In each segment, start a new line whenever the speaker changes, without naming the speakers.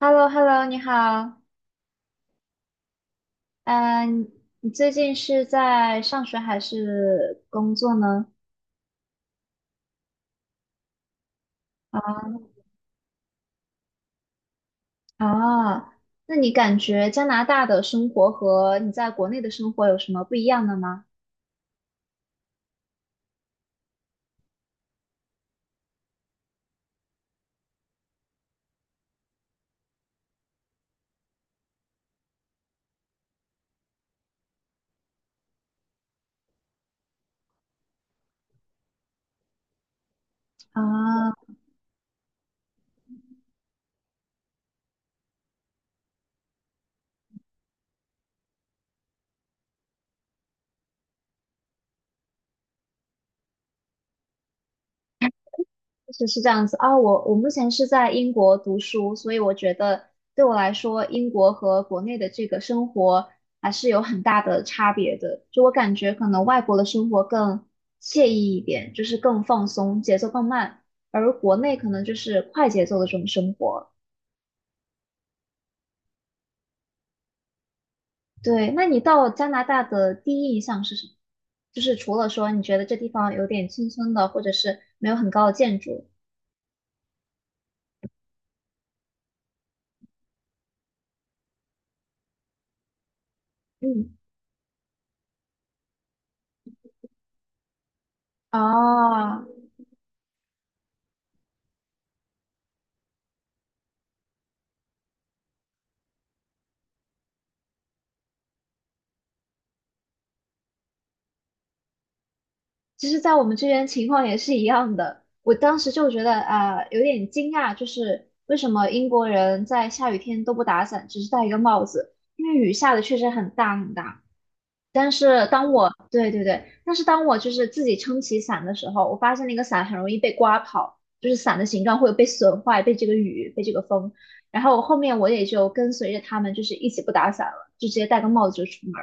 h e l l o 你好，嗯、你最近是在上学还是工作呢？啊，那你感觉加拿大的生活和你在国内的生活有什么不一样的吗？啊，是是这样子啊，我目前是在英国读书，所以我觉得对我来说，英国和国内的这个生活还是有很大的差别的。就我感觉，可能外国的生活更惬意一点，就是更放松，节奏更慢，而国内可能就是快节奏的这种生活。对，那你到加拿大的第一印象是什么？就是除了说你觉得这地方有点村村的，或者是没有很高的建筑，嗯，哦，其实，在我们这边情况也是一样的。我当时就觉得啊、有点惊讶，就是为什么英国人在下雨天都不打伞，只是戴一个帽子？因为雨下的确实很大很大。但是对对对，但是当我就是自己撑起伞的时候，我发现那个伞很容易被刮跑，就是伞的形状会被损坏，被这个雨，被这个风。然后后面我也就跟随着他们，就是一起不打伞了，就直接戴个帽子就出门。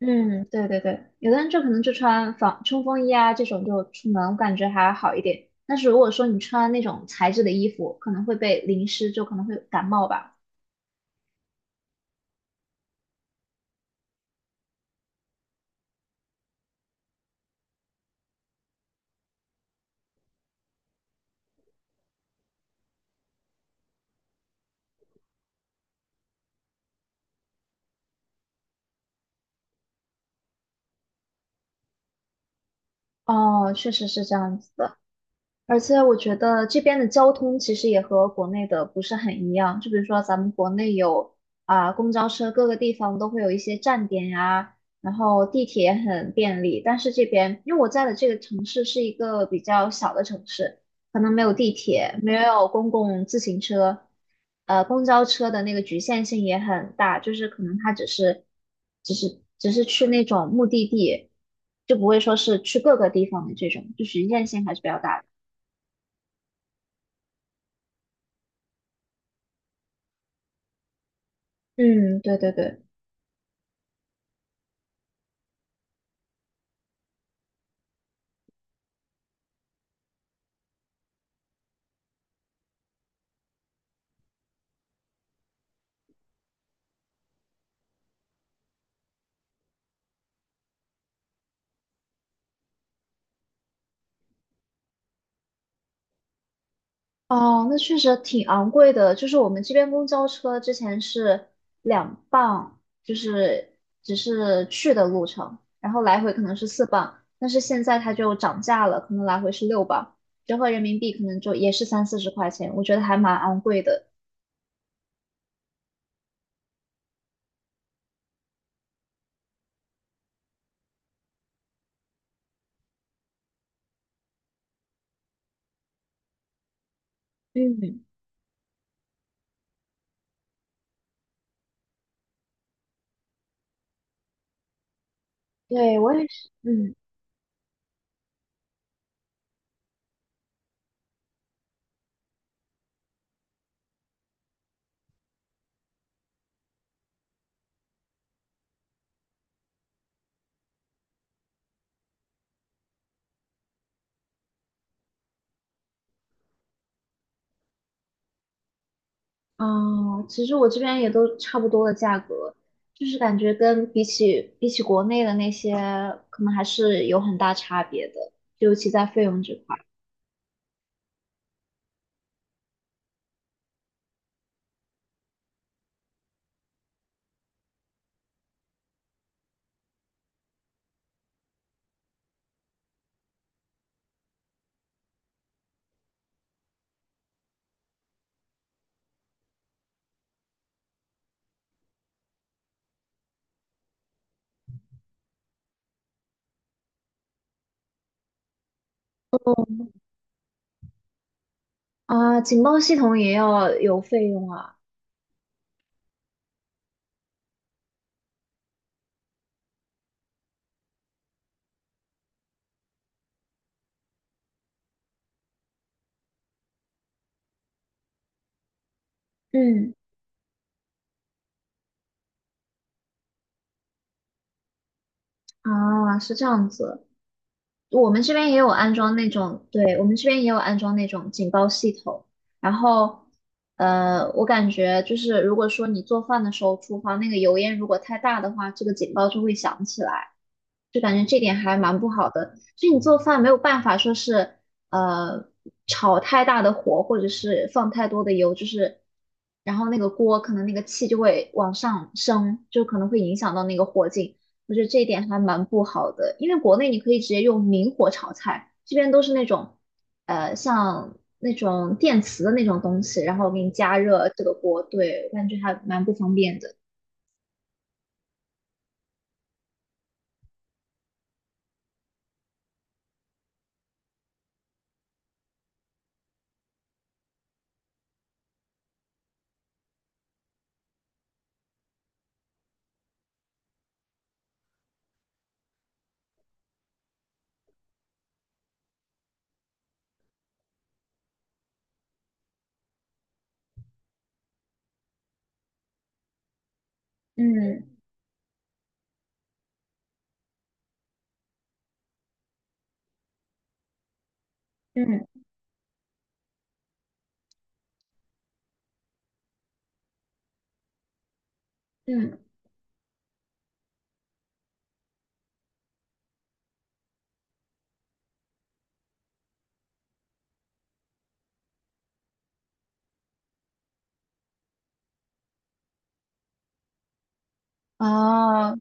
嗯，对对对，有的人就可能就穿防冲锋衣啊这种就出门，我感觉还好一点。但是如果说你穿那种材质的衣服，可能会被淋湿，就可能会感冒吧。哦，确实是这样子的。而且我觉得这边的交通其实也和国内的不是很一样，就比如说咱们国内有啊、公交车，各个地方都会有一些站点呀、然后地铁也很便利，但是这边因为我在的这个城市是一个比较小的城市，可能没有地铁，没有公共自行车，公交车的那个局限性也很大，就是可能它只是去那种目的地，就不会说是去各个地方的这种，就局限性还是比较大的。嗯，对对对，哦，那确实挺昂贵的。就是我们这边公交车之前是两磅，就是只是去的路程，然后来回可能是四磅，但是现在它就涨价了，可能来回是六磅，折合人民币可能就也是三四十块钱，我觉得还蛮昂贵的。嗯，对，我也是，嗯，哦，其实我这边也都差不多的价格，就是感觉跟比起国内的那些，可能还是有很大差别的，尤其在费用这块啊，警报系统也要有费用啊。嗯，啊，是这样子，我们这边也有安装那种，对，我们这边也有安装那种警报系统，然后。我感觉就是，如果说你做饭的时候，厨房那个油烟如果太大的话，这个警报就会响起来。就感觉这点还蛮不好的。就以你做饭没有办法说是呃炒太大的火，或者是放太多的油，就是然后那个锅可能那个气就会往上升，就可能会影响到那个火劲。我觉得这一点还蛮不好的，因为国内你可以直接用明火炒菜，这边都是那种像那种电磁的那种东西，然后给你加热这个锅，对，我感觉还蛮不方便的。嗯嗯嗯，啊。哦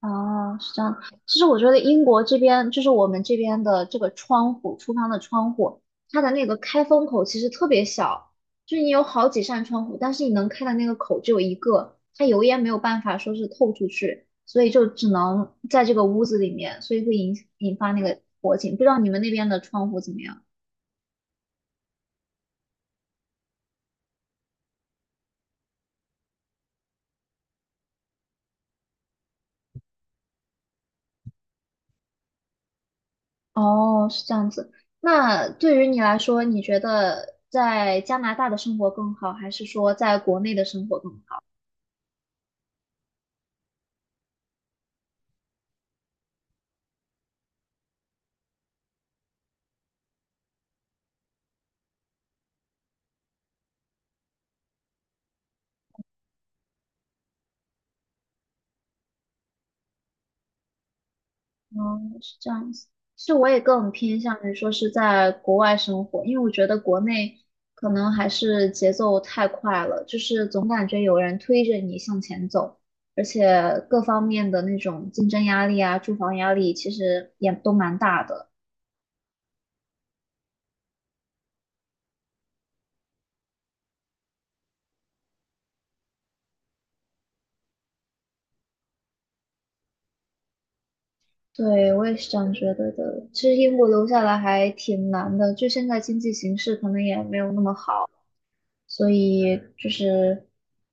哦，是这样的。其实我觉得英国这边，就是我们这边的这个窗户，厨房的窗户，它的那个开封口其实特别小，就是你有好几扇窗户，但是你能开的那个口只有一个，它油烟没有办法说是透出去，所以就只能在这个屋子里面，所以会引发那个火警。不知道你们那边的窗户怎么样？哦，是这样子。那对于你来说，你觉得在加拿大的生活更好，还是说在国内的生活更好？嗯，是这样子。其实我也更偏向于说是在国外生活，因为我觉得国内可能还是节奏太快了，就是总感觉有人推着你向前走，而且各方面的那种竞争压力啊、住房压力，其实也都蛮大的。对，我也是这样觉得的。其实英国留下来还挺难的，就现在经济形势可能也没有那么好。所以就是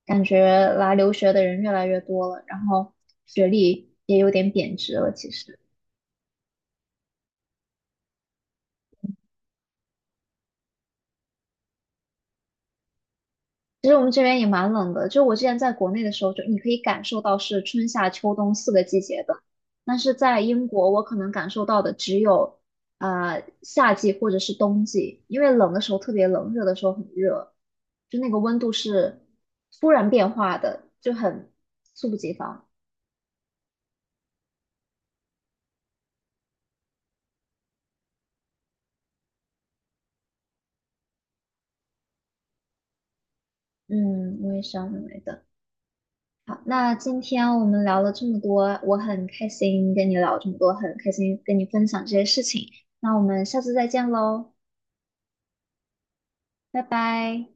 感觉来留学的人越来越多了，然后学历也有点贬值了。其实我们这边也蛮冷的，就我之前在国内的时候，就你可以感受到是春夏秋冬四个季节的，但是在英国，我可能感受到的只有夏季或者是冬季，因为冷的时候特别冷，热的时候很热，就那个温度是突然变化的，就很猝不及防。嗯，我也是这样认为的。好，那今天我们聊了这么多，我很开心跟你聊这么多，很开心跟你分享这些事情。那我们下次再见喽，拜拜。